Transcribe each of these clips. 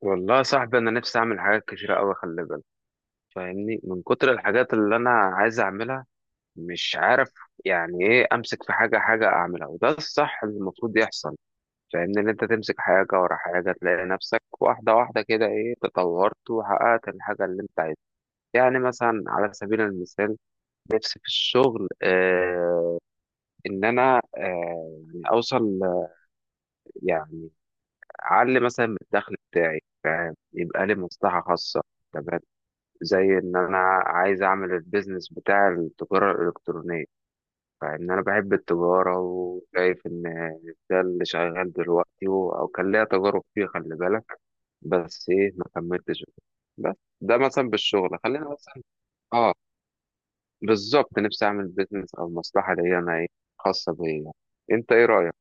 والله يا صاحبي، انا نفسي اعمل حاجات كتيره قوي، خلي بالك. فاهمني، من كتر الحاجات اللي انا عايز اعملها مش عارف. يعني ايه، امسك في حاجه حاجه اعملها، وده الصح اللي المفروض يحصل. فاهمني، ان انت تمسك حاجه ورا حاجه تلاقي نفسك واحده واحده كده، ايه، تطورت وحققت الحاجه اللي انت عايزها. يعني مثلا على سبيل المثال، نفسي في الشغل ان انا يعني اوصل يعني اعلي مثلا من الدخل بتاعي، فاهم، يبقى لي مصلحه خاصه. تمام، زي ان انا عايز اعمل البيزنس بتاع التجارة الالكترونية. فان انا بحب التجارة وشايف ان ده اللي شغال دلوقتي او كان ليا تجارب فيه، خلي بالك، بس ايه ما كملتش. بس ده مثلا بالشغل، خلينا مثلا. اه بالظبط، نفسي اعمل بيزنس او مصلحة ليا انا ايه، خاصة بيا. انت ايه رأيك؟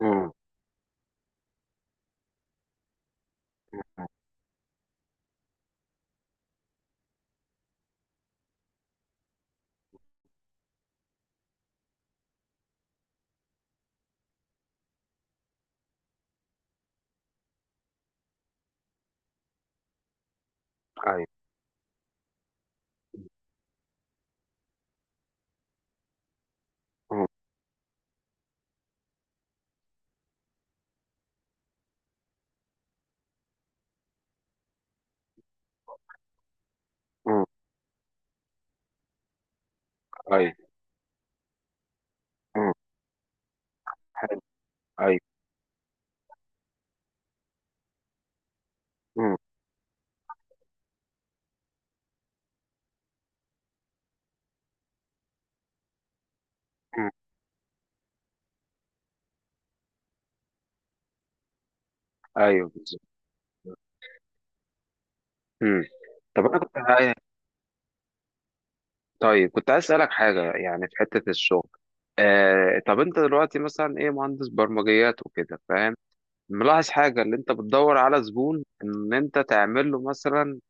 مم. مم. ايوه. مم. مم. ايوه. مم. حلو. ايوه. مم. مم. ايوه بالظبط. مم. طب انا كنت طيب كنت عايز اسالك حاجه، يعني في حته الشغل. طب انت دلوقتي مثلا ايه، مهندس برمجيات وكده فاهم، ملاحظ حاجه، اللي انت بتدور على زبون ان انت تعمل له مثلا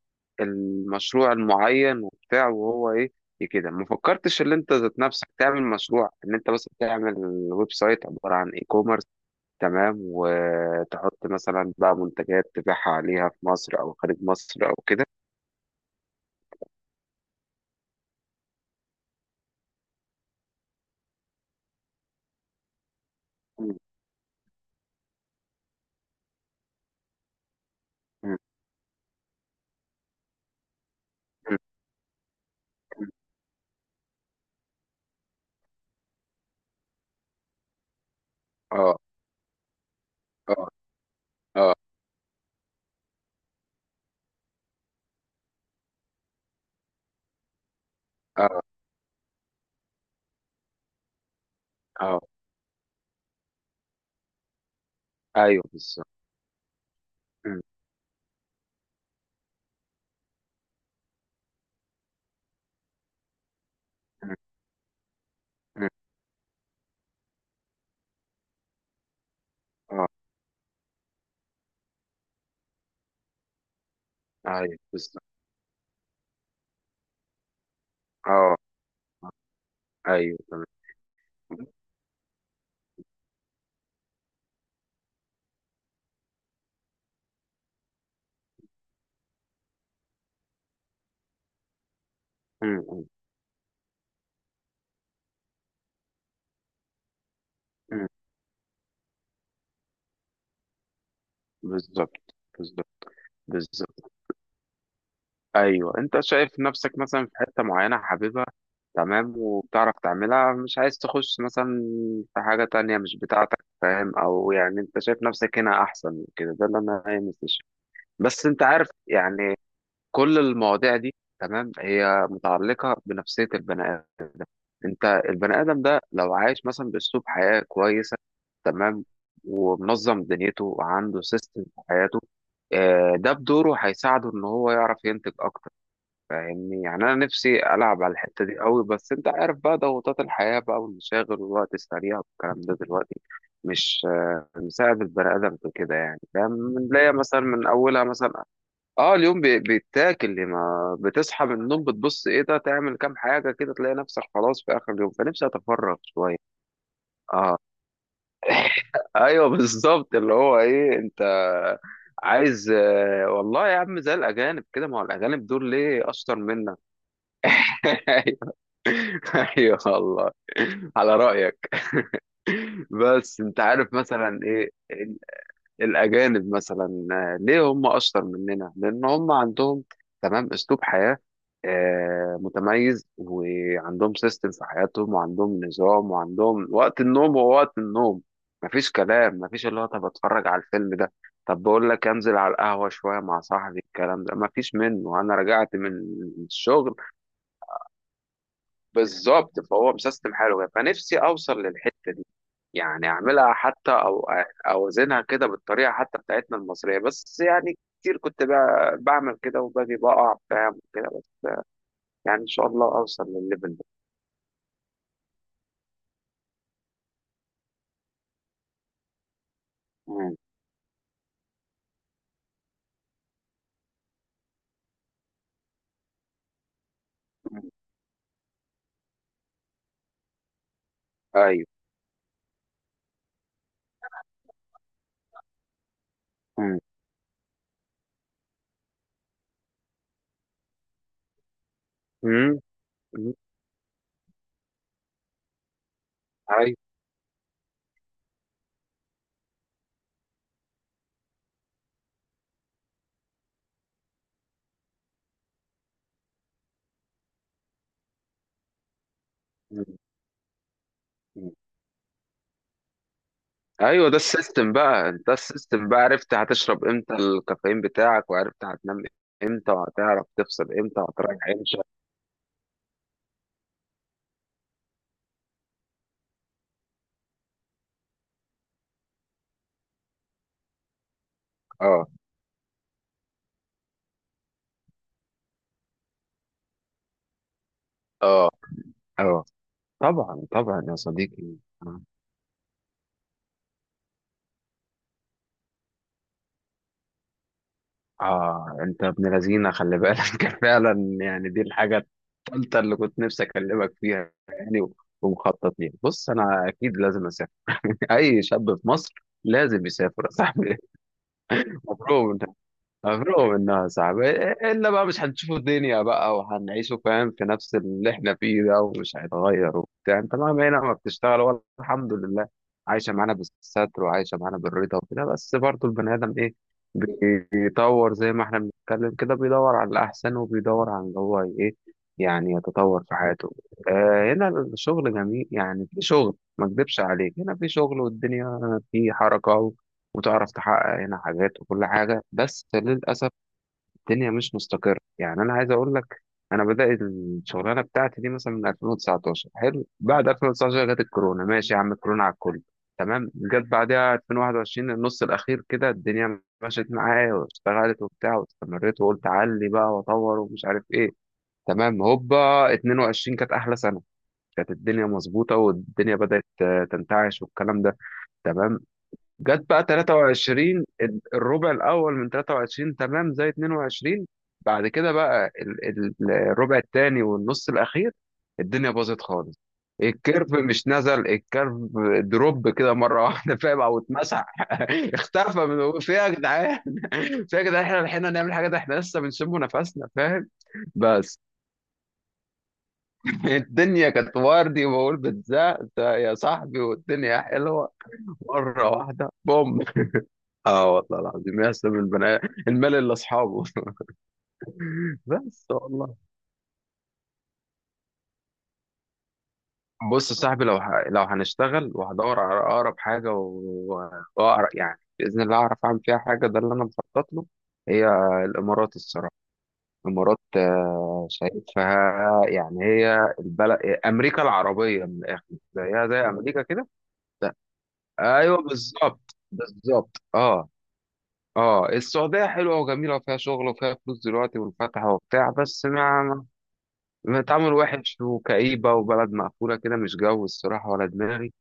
المشروع المعين وبتاع، وهو ايه إيه كده ما فكرتش ان انت ذات نفسك تعمل مشروع، ان انت مثلا تعمل ويب سايت عباره عن اي كوميرس، تمام، وتحط مثلا بقى منتجات تبيعها عليها في مصر او خارج مصر او كده. م- م- م- م. اه. اه. اه. اه. اه. ايوه بالظبط. أمم، أمم، أمم. اه. ايوه بالظبط. اه. ايوه تمام. أمم، أمم، أمم. بالظبط. بالظبط. بالظبط. ايوه، انت شايف نفسك مثلا في حته معينه حاببها، تمام، وبتعرف تعملها، مش عايز تخش مثلا في حاجه تانية مش بتاعتك، فاهم، او يعني انت شايف نفسك هنا احسن من كده، ده اللي انا عايز أستشير. بس انت عارف، يعني كل المواضيع دي، تمام، هي متعلقه بنفسيه البني. انت البني ادم ده لو عايش مثلا باسلوب حياه كويسه، تمام، ومنظم دنيته وعنده سيستم في حياته، ده بدوره هيساعده ان هو يعرف ينتج اكتر. فاهمني، يعني انا نفسي العب على الحته دي قوي، بس انت عارف بقى ضغوطات الحياه بقى والمشاغل والوقت السريع والكلام ده دلوقتي مش مساعد البني ادم في كده، يعني فاهم، بنلاقي مثلا من اولها مثلا. اه، اليوم بيتاكل، ما بتصحى من النوم بتبص ايه ده، تعمل كام حاجه كده تلاقي نفسك خلاص في اخر اليوم، فنفسي اتفرغ شويه، اه. ايوه بالظبط، اللي هو ايه، انت عايز والله يا عم زي الاجانب كده، ما هو الاجانب دول ليه اشطر منك؟ ايوه. ايوه والله. على رايك. بس انت عارف مثلا ايه، الأجانب مثلا ليه هم أشطر مننا؟ لأن هم عندهم، تمام، أسلوب حياة متميز، وعندهم سيستم في حياتهم، وعندهم نظام، وعندهم وقت النوم هو وقت النوم. مفيش كلام، مفيش اللي هو طب أتفرج على الفيلم ده، طب بقول لك أنزل على القهوة شوية مع صاحبي، الكلام ده مفيش منه. أنا رجعت من الشغل. بالظبط، فهو مسيستم حاله، فنفسي أوصل للحتة دي. يعني اعملها حتى، او اوزنها كده بالطريقه حتى بتاعتنا المصريه، بس يعني كتير كنت بقى بعمل كده وباجي بقع، فاهم كده، بس. يعني ان شاء الله اوصل للليفل ده. مم. مم. ايوه. مم. امم. أمم. ايوه. مم. مم. ايوه. ده السيستم بقى، انت السيستم بقى، عرفت هتشرب امتى الكافيين بتاعك، وعرفت هتنام امتى، وهتعرف تفصل امتى، وهتريح امتى. اه. اه. اه. طبعا طبعا يا صديقي. اه، انت ابن لذينه خلي بالك. كان فعلا، يعني دي الحاجه الثالثه اللي كنت نفسي اكلمك فيها يعني، ومخطط ليها. بص، انا اكيد لازم اسافر. اي شاب في مصر لازم يسافر يا صاحبي. مبروك. مفروغ منها، صعب الا بقى مش هنشوف الدنيا بقى وهنعيشه، فاهم، في نفس اللي احنا فيه ده ومش هيتغير وبتاع. انت مهما هنا ما بتشتغل ولا، الحمد لله، عايشه معانا بالستر، وعايشه معانا بالرضا وكده، بس برضه البني ادم ايه، بيطور، زي ما احنا بنتكلم كده، بيدور على الاحسن وبيدور على اللي هو ايه، يعني يتطور في حياته. آه، هنا الشغل جميل، يعني في شغل ما اكدبش عليك، هنا في شغل والدنيا في حركه، وتعرف تحقق هنا حاجات وكل حاجة، بس للأسف الدنيا مش مستقرة. يعني أنا عايز أقول لك، أنا بدأت الشغلانة بتاعتي دي مثلا من 2019، حلو، بعد 2019 جت الكورونا. ماشي يا عم، الكورونا على الكل، تمام. جت بعدها 2021، النص الأخير كده الدنيا مشيت معايا واشتغلت وبتاع، واستمريت وقلت أعلي بقى وأطور ومش عارف إيه، تمام. هوبا، 22 كانت أحلى سنة، كانت الدنيا مظبوطة، والدنيا بدأت تنتعش والكلام ده، تمام. جت بقى 23، الربع الاول من 23 تمام زي 22. بعد كده بقى الربع الثاني والنص الاخير، الدنيا باظت خالص. الكيرف مش نزل، الكيرف دروب كده مره واحده، فاهم، او اتمسح. اختفى، من، في إيه يا جدعان؟ في إيه يا جدعان، احنا لحقنا نعمل حاجه؟ ده احنا لسه بنشم نفسنا، فاهم، بس. الدنيا كانت وردي، وبقول بتزق يا صاحبي والدنيا حلوه، مره واحده بوم. اه والله العظيم، يسلم البني المال اللي اصحابه. بس والله، بص يا صاحبي، لو هنشتغل وهدور على اقرب حاجه واقرب يعني باذن الله اعرف اعمل فيها حاجه، ده اللي انا مخطط له. هي الامارات الصراحه، الامارات شايفها يعني هي البلد، امريكا العربيه من الاخر، زيها زي امريكا كده. ايوه بالظبط. بالظبط. اه. اه، السعوديه حلوه وجميله وفيها شغل وفيها فلوس دلوقتي منفتحه وبتاع، بس ما، تعامل وحش وكئيبة وبلد مقفولة كده، مش جو الصراحة ولا دماغي.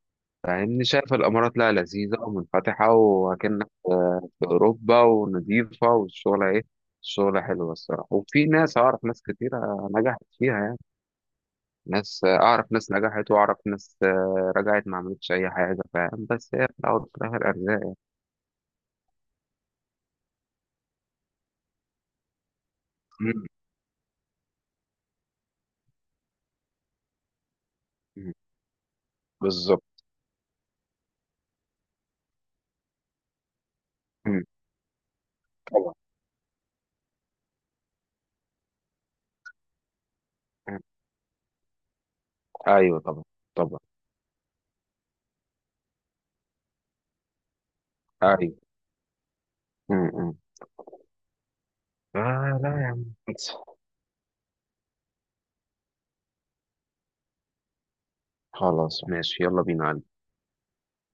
فاهمني، شايف الإمارات لا لذيذة ومنفتحة وأكنك في أوروبا ونضيفة، والشغلة إيه، الشغلة حلوة الصراحة، وفي ناس، أعرف ناس كتيرة نجحت فيها يعني. ناس أعرف ناس نجحت، وأعرف ناس رجعت ما عملتش أي حاجة، فاهم، بس هي في الأول وفي الآخر أرزاق. مم، مم، بالظبط. مم، طبعا. مم، أيوه طبعا. طبعا أيوه. مم، مم. آه لا يا عم، خلاص ماشي، يلا بينا.